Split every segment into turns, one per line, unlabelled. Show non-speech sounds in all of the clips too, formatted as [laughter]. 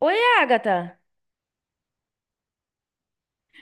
Oi, Agatha!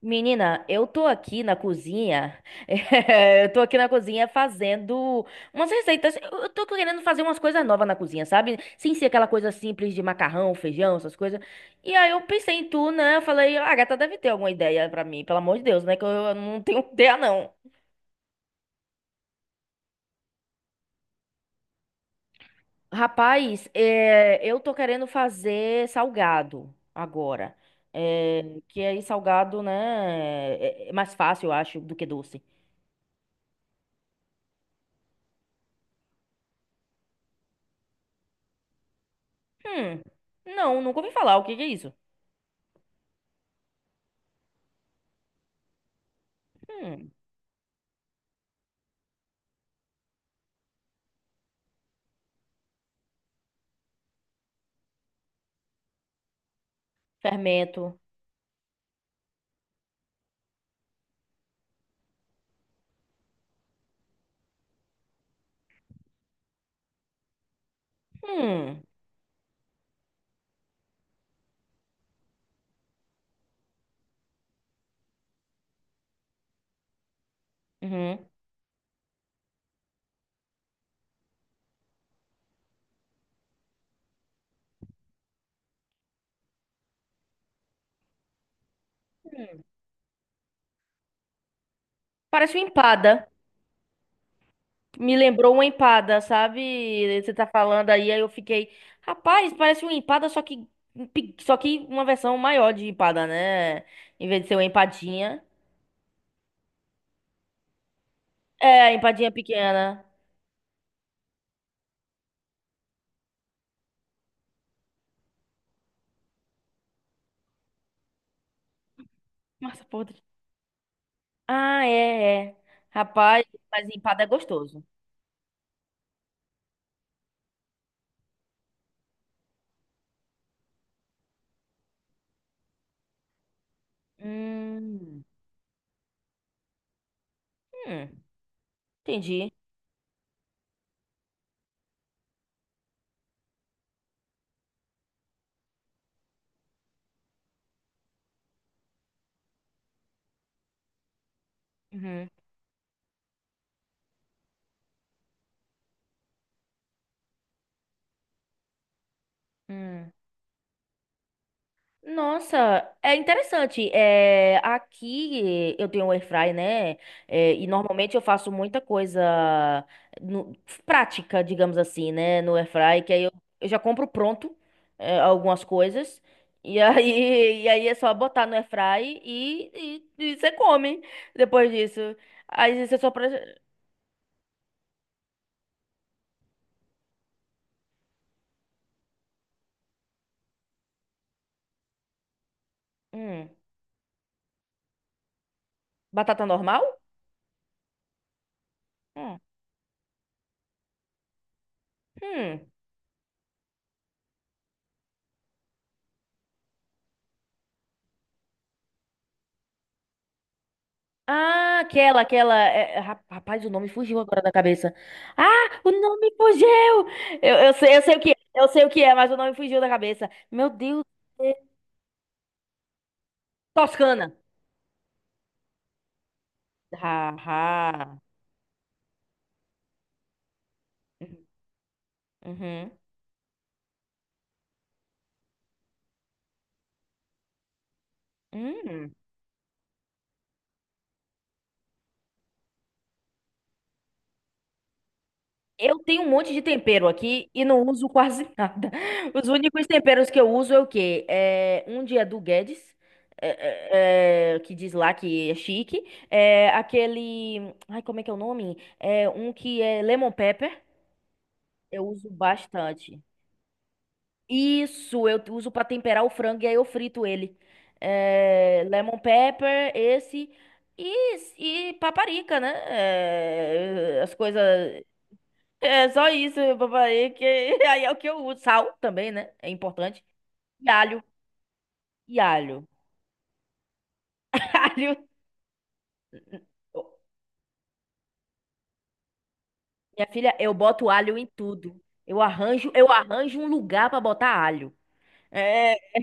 Menina, eu tô aqui na cozinha. [laughs] Eu tô aqui na cozinha fazendo umas receitas. Eu tô querendo fazer umas coisas novas na cozinha, sabe? Sem ser aquela coisa simples de macarrão, feijão, essas coisas. E aí eu pensei em tu, né? Eu falei, Agatha deve ter alguma ideia pra mim, pelo amor de Deus, né? Que eu não tenho [laughs] ideia, não. Rapaz, eu tô querendo fazer salgado agora. Eh, que aí salgado, né? É mais fácil, eu acho, do que doce. Hum. Não, nunca ouvi falar. O que que é isso? Hum. Fermento. Hum. Uhum. Parece uma empada. Me lembrou uma empada, sabe? Você tá falando aí, aí eu fiquei, rapaz, parece uma empada, só que uma versão maior de empada, né? Em vez de ser uma empadinha. É, empadinha pequena. Massa podre. Ah, é, é. Rapaz, mas empada é gostoso. Hum. Hum. Entendi. Uhum. Hum. Nossa, é interessante. É, aqui eu tenho um air fry, né? É, e normalmente eu faço muita coisa no- prática, digamos assim, né? No air fry, eu já compro pronto algumas coisas. E aí, [laughs] e aí é só botar no air fry e você come depois disso. Aí você só. Pre- Hum, batata normal? Hum. Hum. Ah, aquela. Rapaz, o nome fugiu agora da cabeça. Ah, o nome fugiu! Eu sei, eu sei o que é, mas o nome fugiu da cabeça. Meu Deus. é- Toscana. Ha, ha. Uhum. Hum. Eu tenho um monte de tempero aqui e não uso quase nada. [laughs] Os únicos temperos que eu uso é o quê? É, um dia é do Guedes, que diz lá que é chique. É, aquele. Ai, como é que é o nome? É um que é lemon pepper. Eu uso bastante. Isso, eu uso para temperar o frango e aí eu frito ele. É, lemon pepper, esse e paparica, né? É, as coisas. É só isso, paparica. [laughs] E aí é o que eu uso. Sal também, né? É importante. E alho. E alho. [laughs] Alho. Minha filha, eu boto alho em tudo. Eu arranjo um lugar para botar alho. É,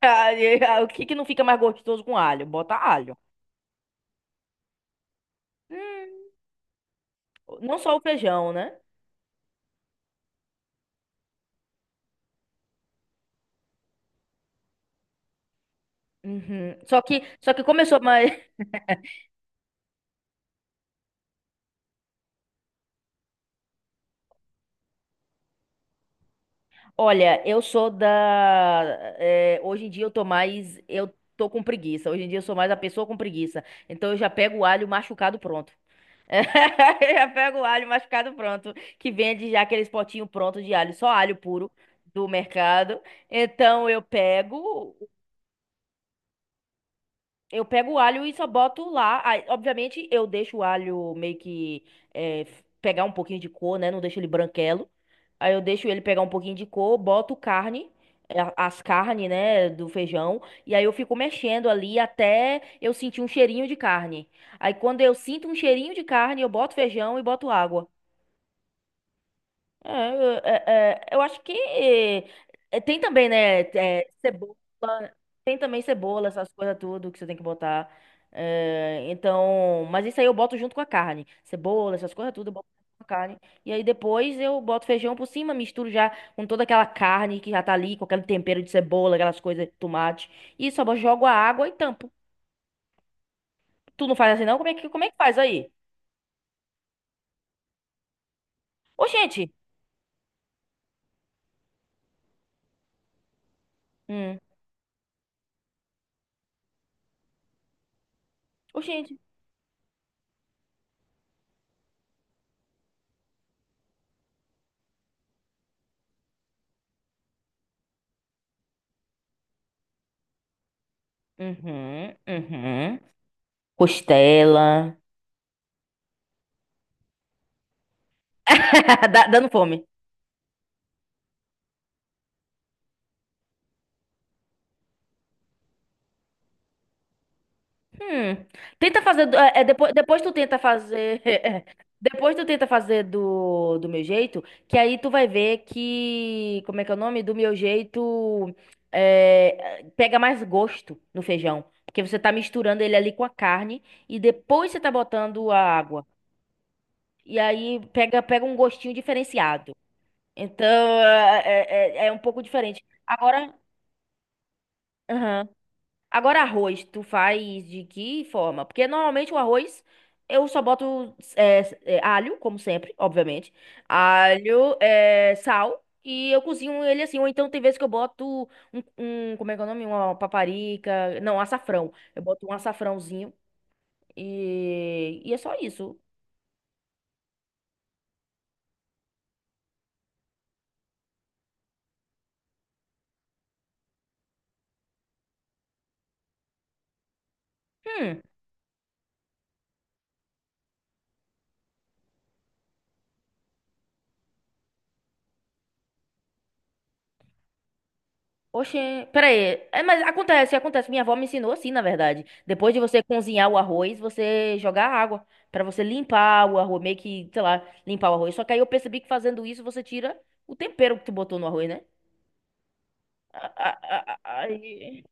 [laughs] o que que não fica mais gostoso com alho? Bota alho. Hum, Não só o feijão, né? Uhum. Só que começou mais. [laughs] Olha, eu sou da. Hoje em dia eu tô mais. Eu tô com preguiça. Hoje em dia eu sou mais a pessoa com preguiça. Então eu já pego o alho machucado pronto. [laughs] Eu já pego o alho machucado pronto. Que vende já aqueles potinhos prontos de alho, só alho puro do mercado. Então eu pego. Eu pego o alho e só boto lá. Aí, obviamente, eu deixo o alho meio que pegar um pouquinho de cor, né? Não deixo ele branquelo. Aí eu deixo ele pegar um pouquinho de cor, boto carne, as carnes, né, do feijão. E aí eu fico mexendo ali até eu sentir um cheirinho de carne. Aí quando eu sinto um cheirinho de carne, eu boto feijão e boto água. Eu acho que tem também, né? Cebola, tem também cebola, essas coisas tudo que você tem que botar. É, então, mas isso aí eu boto junto com a carne. Cebola, essas coisas tudo, eu boto junto com a carne. E aí depois eu boto feijão por cima, misturo já com toda aquela carne que já tá ali, com aquele tempero de cebola, aquelas coisas, tomate. E só jogo a água e tampo. Tu não faz assim, não? Como é que faz aí? Ô, gente! Hum, ô, gente! Uhum, uhum. Costela. [laughs] Dando fome. Hum. É, é, depois tu tenta fazer. [laughs] Depois tu tenta fazer do meu jeito, que aí tu vai ver que. Como é que é o nome? Do meu jeito. Pega mais gosto no feijão. Porque você tá misturando ele ali com a carne e depois você tá botando a água. E aí pega um gostinho diferenciado. Então é, é um pouco diferente. Agora. Aham. Agora, arroz, tu faz de que forma? Porque normalmente o arroz eu só boto alho, como sempre, obviamente. Alho, é, sal. E eu cozinho ele assim. Ou então tem vezes que eu boto como é que é o nome? Uma paparica. Não, açafrão. Eu boto um açafrãozinho. E é só isso. Hum, oxê, peraí. É, mas acontece, acontece. Minha avó me ensinou assim, na verdade. Depois de você cozinhar o arroz, você jogar água pra você limpar o arroz, meio que, sei lá, limpar o arroz. Só que aí eu percebi que fazendo isso você tira o tempero que tu botou no arroz, né? A- a- a- a- aí-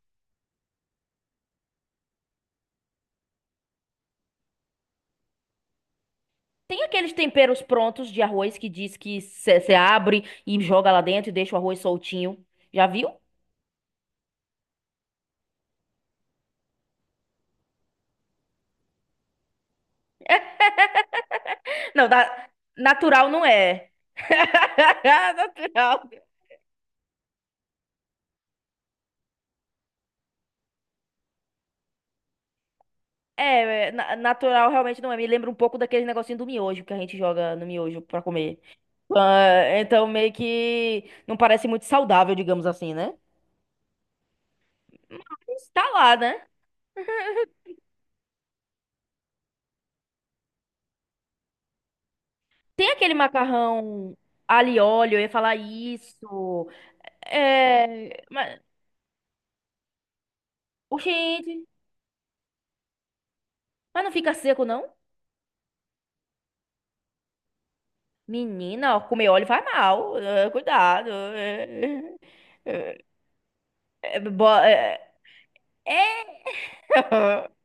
Tem aqueles temperos prontos de arroz que diz que você abre e joga lá dentro e deixa o arroz soltinho. Já viu? [laughs] Não, da- natural não é. [laughs] Natural. É, é, natural realmente não é. Me lembra um pouco daquele negocinho do miojo que a gente joga no miojo pra comer. Ah, então meio que não parece muito saudável, digamos assim, né? Mas tá lá, né? Tem aquele macarrão alho e óleo, eu ia falar isso. É, mas, gente, mas não fica seco, não? Menina, ó, comer óleo faz mal. Cuidado. Eh, eh, bo- eh, [laughs]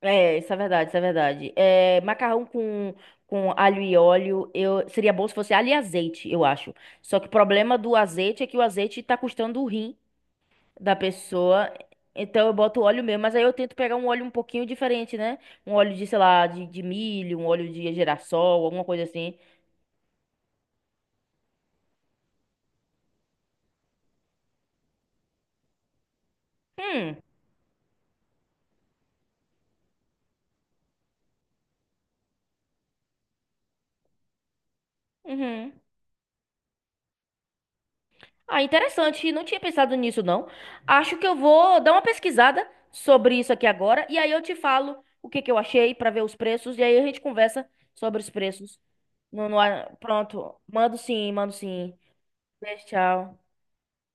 É, isso é verdade, isso é verdade. É, com alho e óleo, eu, seria bom se fosse alho e azeite, eu acho. Só que o problema do azeite é que o azeite tá custando o rim da pessoa. Então eu boto óleo mesmo, mas aí eu tento pegar um óleo um pouquinho diferente, né? Um óleo de, sei lá, de milho, um óleo de girassol, alguma coisa assim. Hum, uhum. Ah, interessante. Não tinha pensado nisso, não. Acho que eu vou dar uma pesquisada sobre isso aqui agora e aí eu te falo o que que eu achei para ver os preços e aí a gente conversa sobre os preços. Não, não, pronto. Mando sim, mando sim. Beijo, tchau.